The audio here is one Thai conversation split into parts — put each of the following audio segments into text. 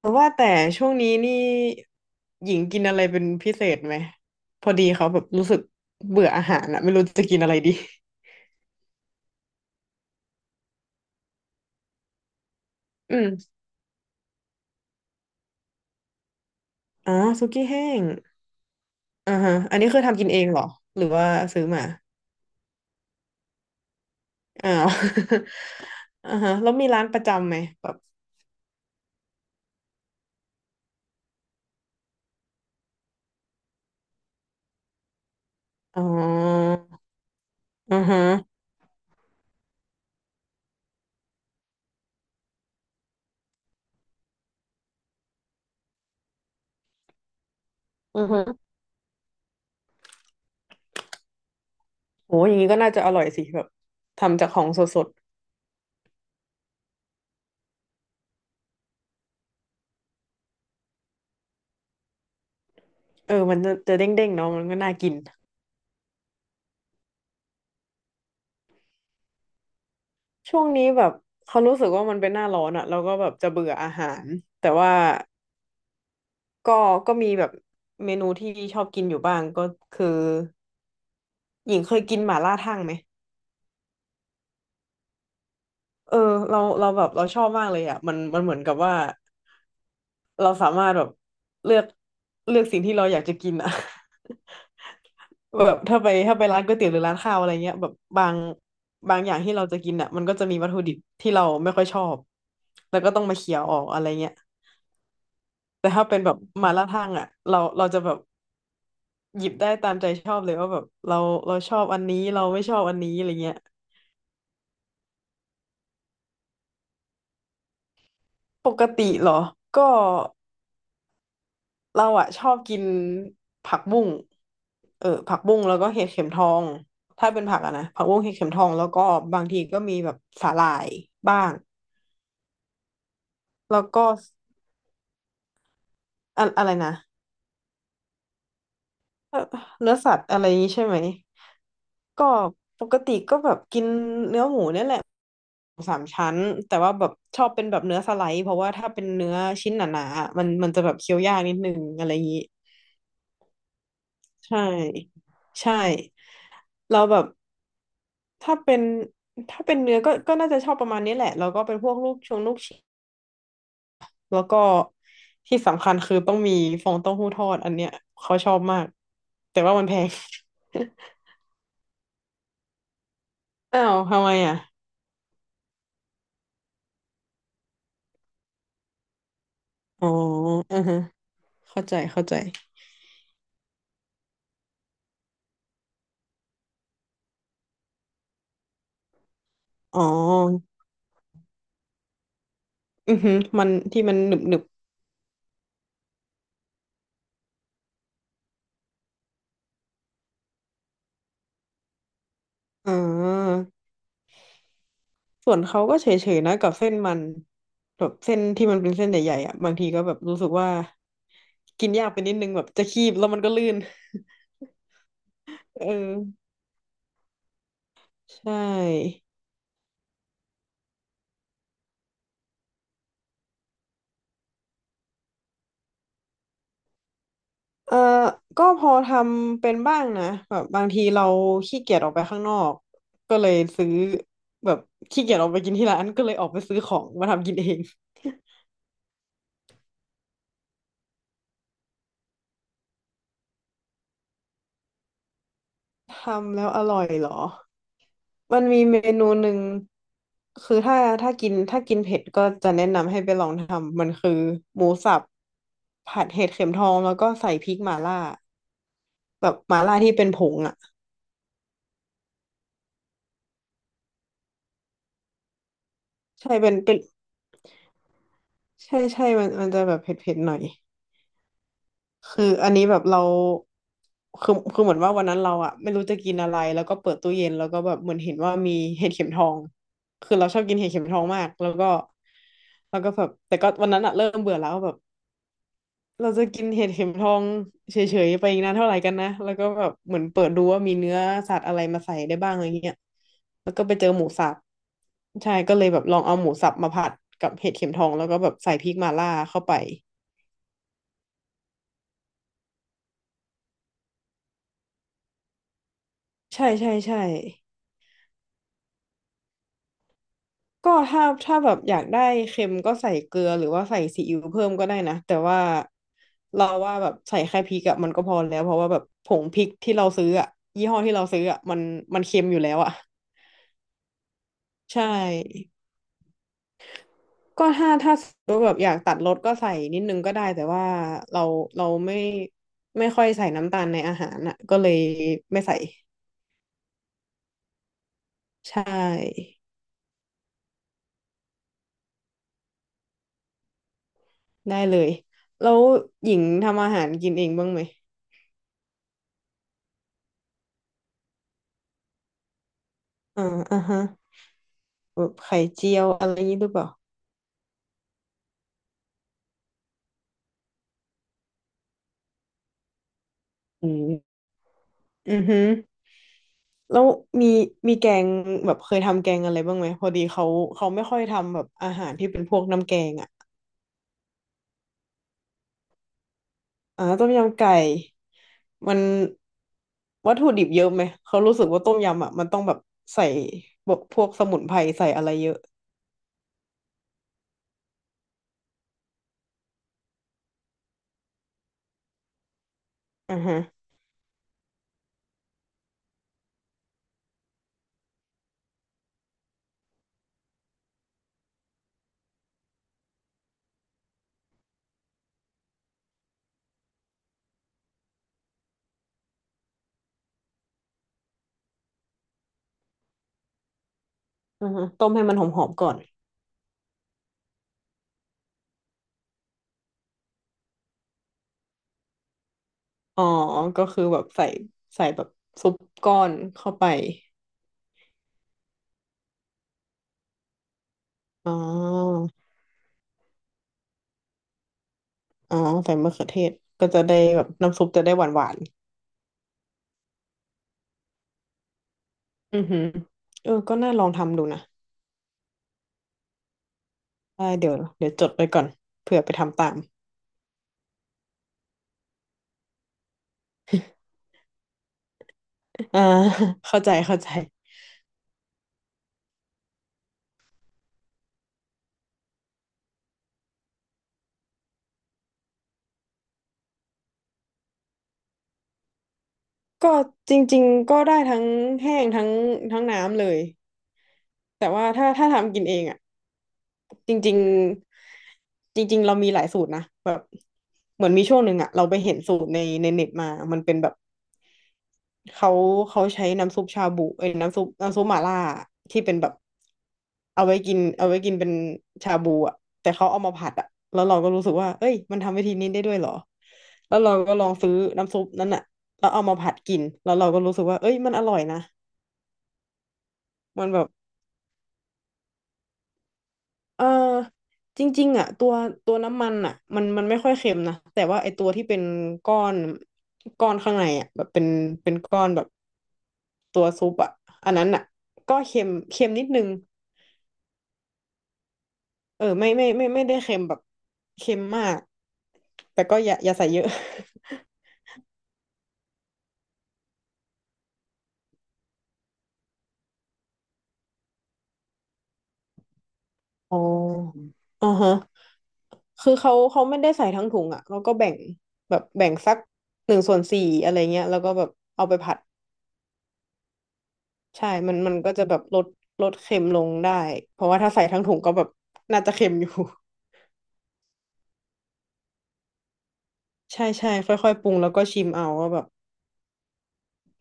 แต่ว่าช่วงนี้นี่หญิงกินอะไรเป็นพิเศษไหมพอดีเขาแบบรู้สึกเบื่ออาหารอะไม่รู้จะกินอะไรดีอืมอ๋อสุกี้แห้งอ่าฮะอันนี้คือทำกินเองเหรอหรือว่าซื้อมาอ้าว อ่าฮะแล้วมีร้านประจำไหมแบบอ๋ออือฮะอือฮะโหอย่างนี้ก็น่าจะอร่อยสิแบบทำจากของสดๆเออมันจะเด้งๆเนาะมันก็น่ากินช่วงนี้แบบเขารู้สึกว่ามันเป็นหน้าร้อนอะเราก็แบบจะเบื่ออาหารแต่ว่า ก็ก็มีแบบเมนูที่ชอบกินอยู่บ้างก็คือหญิงเคยกินหม่าล่าทั่งไหมเออเราแบบเราชอบมากเลยอ่ะมันเหมือนกับว่าเราสามารถแบบเลือกเลือกสิ่งที่เราอยากจะกินอ่ะ แบบถ้าไปร้านก๋วยเตี๋ยวหรือร้านข้าวอะไรเงี้ยแบบบางอย่างที่เราจะกินอ่ะมันก็จะมีวัตถุดิบที่เราไม่ค่อยชอบแล้วก็ต้องมาเคี่ยวออกอะไรเงี้ยแต่ถ้าเป็นแบบหมาล่าทั่งอ่ะเราจะแบบหยิบได้ตามใจชอบเลยว่าแบบเราเราชอบอันนี้เราไม่ชอบอันนี้อะไรเงี้ย ปกติเหรอก็เราอะชอบกินผักบุ้งเออผักบุ้งแล้วก็เห็ดเข็มทองถ้าเป็นผักอะนะผักบุ้งเห็ดเข็มทองแล้วก็บางทีก็มีแบบสาหร่ายบ้างแล้วก็อะไรนะเอ่อเนื้อสัตว์อะไรนี้ใช่ไหมก็ปกติก็แบบกินเนื้อหมูเนี่ยแหละสามชั้นแต่ว่าแบบชอบเป็นแบบเนื้อสไลด์เพราะว่าถ้าเป็นเนื้อชิ้นหนาๆอะมันจะแบบเคี้ยวยากนิดนึงอะไรอย่างนี้ ใช่ใช่เราแบบถ้าเป็นถ้าเป็นเนื้อก็น่าจะชอบประมาณนี้แหละแล้วก็เป็นพวกลูกชิ้นแล้วก็ที่สำคัญคือต้องมีฟองเต้าหู้ทอดอันเนี้ยเขาชอบมากแต่ว่ามันแพง อ้าวทำไมอ่ะอ๋ออือฮะเข้าใจเข้าใจอ๋ออือฮึมันที่มันหนึบหนึบอ๋อ ส่วนเขาก็เฉยๆนะกับเส้นมันแบบเส้นที่มันเป็นเส้นใหญ่ๆอ่ะบางทีก็แบบรู้สึกว่ากินยากไปนิดนึงแบบจะคีบแล้วมันก็ลื่น เออใช่เออก็พอทำเป็นบ้างนะแบบบางทีเราขี้เกียจออกไปข้างนอกก็เลยซื้อแบบขี้เกียจออกไปกินที่ร้านก็เลยออกไปซื้อของมาทำกินเอง ทำแล้วอร่อยเหรอ มันมีเมนูหนึ่งคือถ้าถ้ากินเผ็ดก็จะแนะนำให้ไปลองทำมันคือหมูสับผัดเห็ดเข็มทองแล้วก็ใส่พริกหม่าล่าแบบหม่าล่าที่เป็นผงอ่ะใช่เป็นใช่ใช่มันจะแบบเผ็ดเผ็ดหน่อยคืออันนี้แบบเราคือเหมือนว่าวันนั้นเราอะไม่รู้จะกินอะไรแล้วก็เปิดตู้เย็นแล้วก็แบบเหมือนเห็นว่ามีเห็ดเข็มทองคือเราชอบกินเห็ดเข็มทองมากแล้วก็แบบแต่ก็วันนั้นอะเริ่มเบื่อแล้วแบบ เราจะกินเห็ดเข็มทองเฉยๆไปอีกนานเท่าไหร่กันนะแล้วก็แบบเหมือนเปิดดูว่ามีเนื้อสัตว์อะไรมาใส่ได้บ้างอะไรเงี้ยแล้วก็ไปเจอหมูสับใช่ก็เลยแบบลองเอาหมูสับมาผัดกับเห็ดเข็มทองแล้วก็แบบใส่พริกมาล่าเข้าไปใช่ใช่ใช่ก็ถ้าแบบอยากได้เค็มก็ใส่เกลือหรือว่าใส่ซีอิ๊วเพิ่มก็ได้นะแต่ว่าเราว่าแบบใส่แค่พริกอะมันก็พอแล้วเพราะว่าแบบผงพริกที่เราซื้ออะยี่ห้อที่เราซื้ออะมันเค็มอยู่แล้วอะใช่ ก็ถ้าสมมติแบบอยากตัดรสก็ใส่นิดนึงก็ได้แต่ว่าเราเราไม่ค่อยใส่น้ำตาลในอาหารอ่ะก็เลยไม่ใส่ใช่ได้เลยแล้วหญิงทำอาหารกินเองบ้างไหมอ่าอ่าฮะแบบไข่เจียวอะไรอย่างนี้หรือเปล่าอืมอือฮึแล้วมีมีแกงแบบเคยทำแกงอะไรบ้างไหมพอดีเขาไม่ค่อยทำแบบอาหารที่เป็นพวกน้ำแกงอ่ะ อ่าต้มยำไก่มันวัตถุดิบเยอะไหมเขารู้สึกว่าต้มยำอ่ะมันต้องแบบใส่แบบพวกสมุนไพรใส่อะไรเยอะอ่าฮะอ่าฮะต้มให้มันหอมๆก่อนอ๋อก็คือแบบใส่แบบซุปก้อนเข้าไปอ๋ออ๋อใส่มะเขือเทศก็จะได้แบบน้ำซุปจะได้หวานๆอือหือเออก็น่าลองทำดูนะได้เดี๋ยวจดไปก่อนเผื่อไปทำตามอ่า เข้าใจเข้าใจ ก็จริงๆก็ได้ทั้งแห้งทั้งน้ำเลย แต่ว่าถ้าทำกินเองอ่ะจริงๆจริงๆเรามีหลายสูตรนะแบบเหมือนมีช่วงหนึ่งอ่ะเราไปเห็นสูตรในเน็ตมามันเป็นแบบเขาเขาใช้น้ำซุปชาบูเอ้ยน้ำซุปหม่าล่าที่เป็นแบบเอาไว้กินเป็นชาบูอ่ะแต่เขาเอามาผัดอ่ะแล้วเราก็รู้สึกว่าเอ้ยมันทำวิธีนี้ได้ด้วยเหรอแล้วเราก็ลองซื้อน้ำซุปนั้นอ่ะแล้วเอามาผัดกินแล้วเราก็รู้สึกว่าเอ้ยมันอร่อยนะมันแบบ เออจริงๆอ่ะตัวน้ำมันอ่ะมันไม่ค่อยเค็มนะแต่ว่าไอตัวที่เป็นก้อนก้อนข้างในอ่ะแบบเป็นก้อนแบบตัวซุปอ่ะอันนั้นอ่ะก็เค็มเค็มนิดนึงเออไม่ไม่ไม่ไม่ได้เค็มแบบเค็มมากแต่ก็อย่าอย่าใส่เยอะ อ๋ออ่าฮะคือเขาไม่ได้ใส่ทั้งถุงอ่ะเขาก็แบ่งแบบแบ่งสัก1/4อะไรเงี้ยแล้วก็แบบเอาไปผัด ใช่มันมันก็จะแบบลดเค็มลงได้เพราะว่าถ้าใส่ทั้งถุงก็แบบน่าจะเค็มอยู่ ใช่ใช่ค่อยๆปรุงแล้วก็ชิมเอาว่าแบบ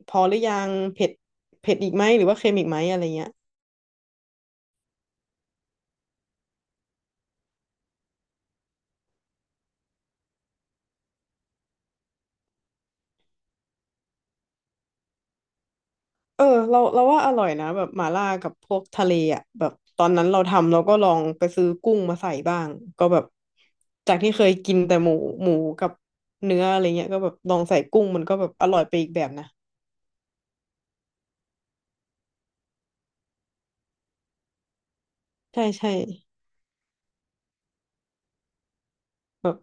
พอหรือยังเผ็ดเผ็ดอีกไหมหรือว่าเค็มอีกไหมอะไรเงี้ยเออเราว่าอร่อยนะแบบหม่าล่ากับพวกทะเลอ่ะแบบตอนนั้นเราทำเราก็ลองไปซื้อกุ้งมาใส่บ้างก็แบบจากที่เคยกินแต่หมูกับเนื้ออะไรเงี้ยก็แบบลองใส่กุ้งมันก็แบบอร่อยไปอีกแบบนะใช่ใช่แบบ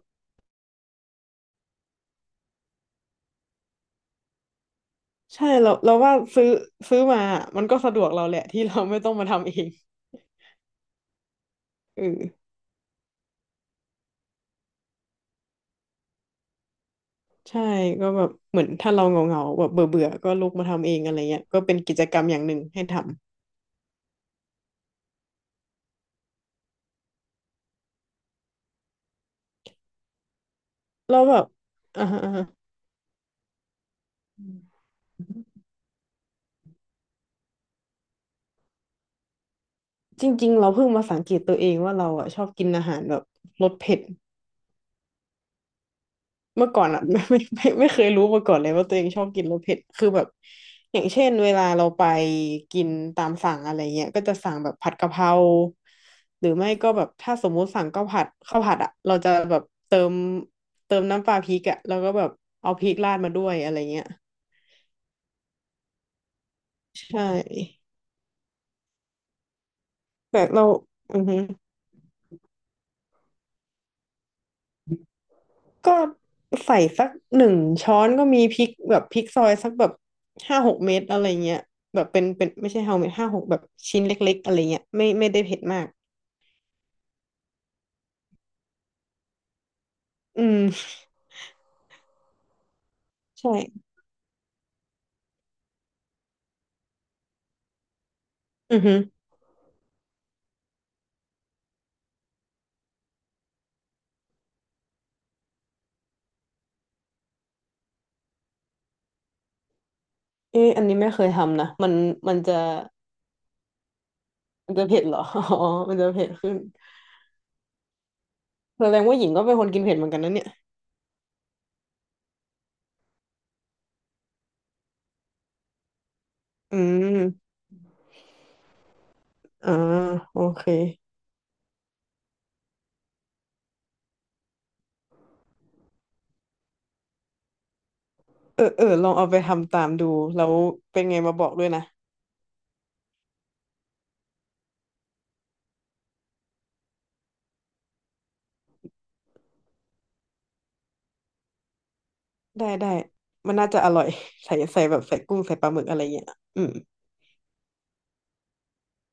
ใช่เราว่าซื้อมา มันก็สะดวกเราแหละ ที่เราไม่ต้องมาทำเองเออใช่ก็แบบเหมือนถ้าเราเหงาๆแบบเบื่อเบื่อก็ลุกมาทำเองอะไรเงี้ยก็เป็นกิจกรรมอย่างหนึ่งให้ทำเราแบบอ่าฮะอ่าฮะอืมจริงๆเราเพิ่งมาสังเกตตัวเองว่าเราอ่ะชอบกินอาหารแบบรสเผ็ด เมื่อก่อนอ่ะ ไม่ไม่ไม่ไม่เคยรู้มาก่อนเลยว่าตัวเองชอบกินรสเผ็ดคือแบบอย่างเช่นเวลาเราไปกินตามสั่งอะไรเงี้ยก็จะสั่งแบบผัดกะเพราหรือไม่ก็แบบถ้าสมมุติสั่งข้าวผัดข้าวผัดอ่ะเราจะแบบเติมน้ำปลาพริกอ่ะแล้วก็แบบเอาพริกราดมาด้วยอะไรเงี้ยใช่แต่เราอือฮึ ก็ใส่สักหนึ่งช้อนก็มีพริกแบบพริกซอยสักแบบ5-6 เม็ดอะไรเงี้ยแบบเป็นไม่ใช่5 เม็ดห้าหกแบบชิ้นเล็กๆอะไรเงี้ยไม่ไม่ได้เผ็ดมากอืมใช่อือฮึเอ๊อันนี้ไม่เคยทำนะมันจะมันจะเผ็ดเหรอ อ๋อมันจะเผ็ดขึ้นแสดงว่าหญิงก็เป็นคนกินเผ็ดเหมือนกันนะเนี่ยอืมอ่าโอเคเออเออลองเอาไปทำตามดูแล้วเป็นไงมาบอกด้วยนะได้ได้มันน่าจะอร่อยใส่แบบใส่กุ้งใส่ปลาหมึกอะไรเงี้ยอืม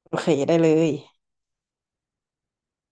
โอเคได้เลย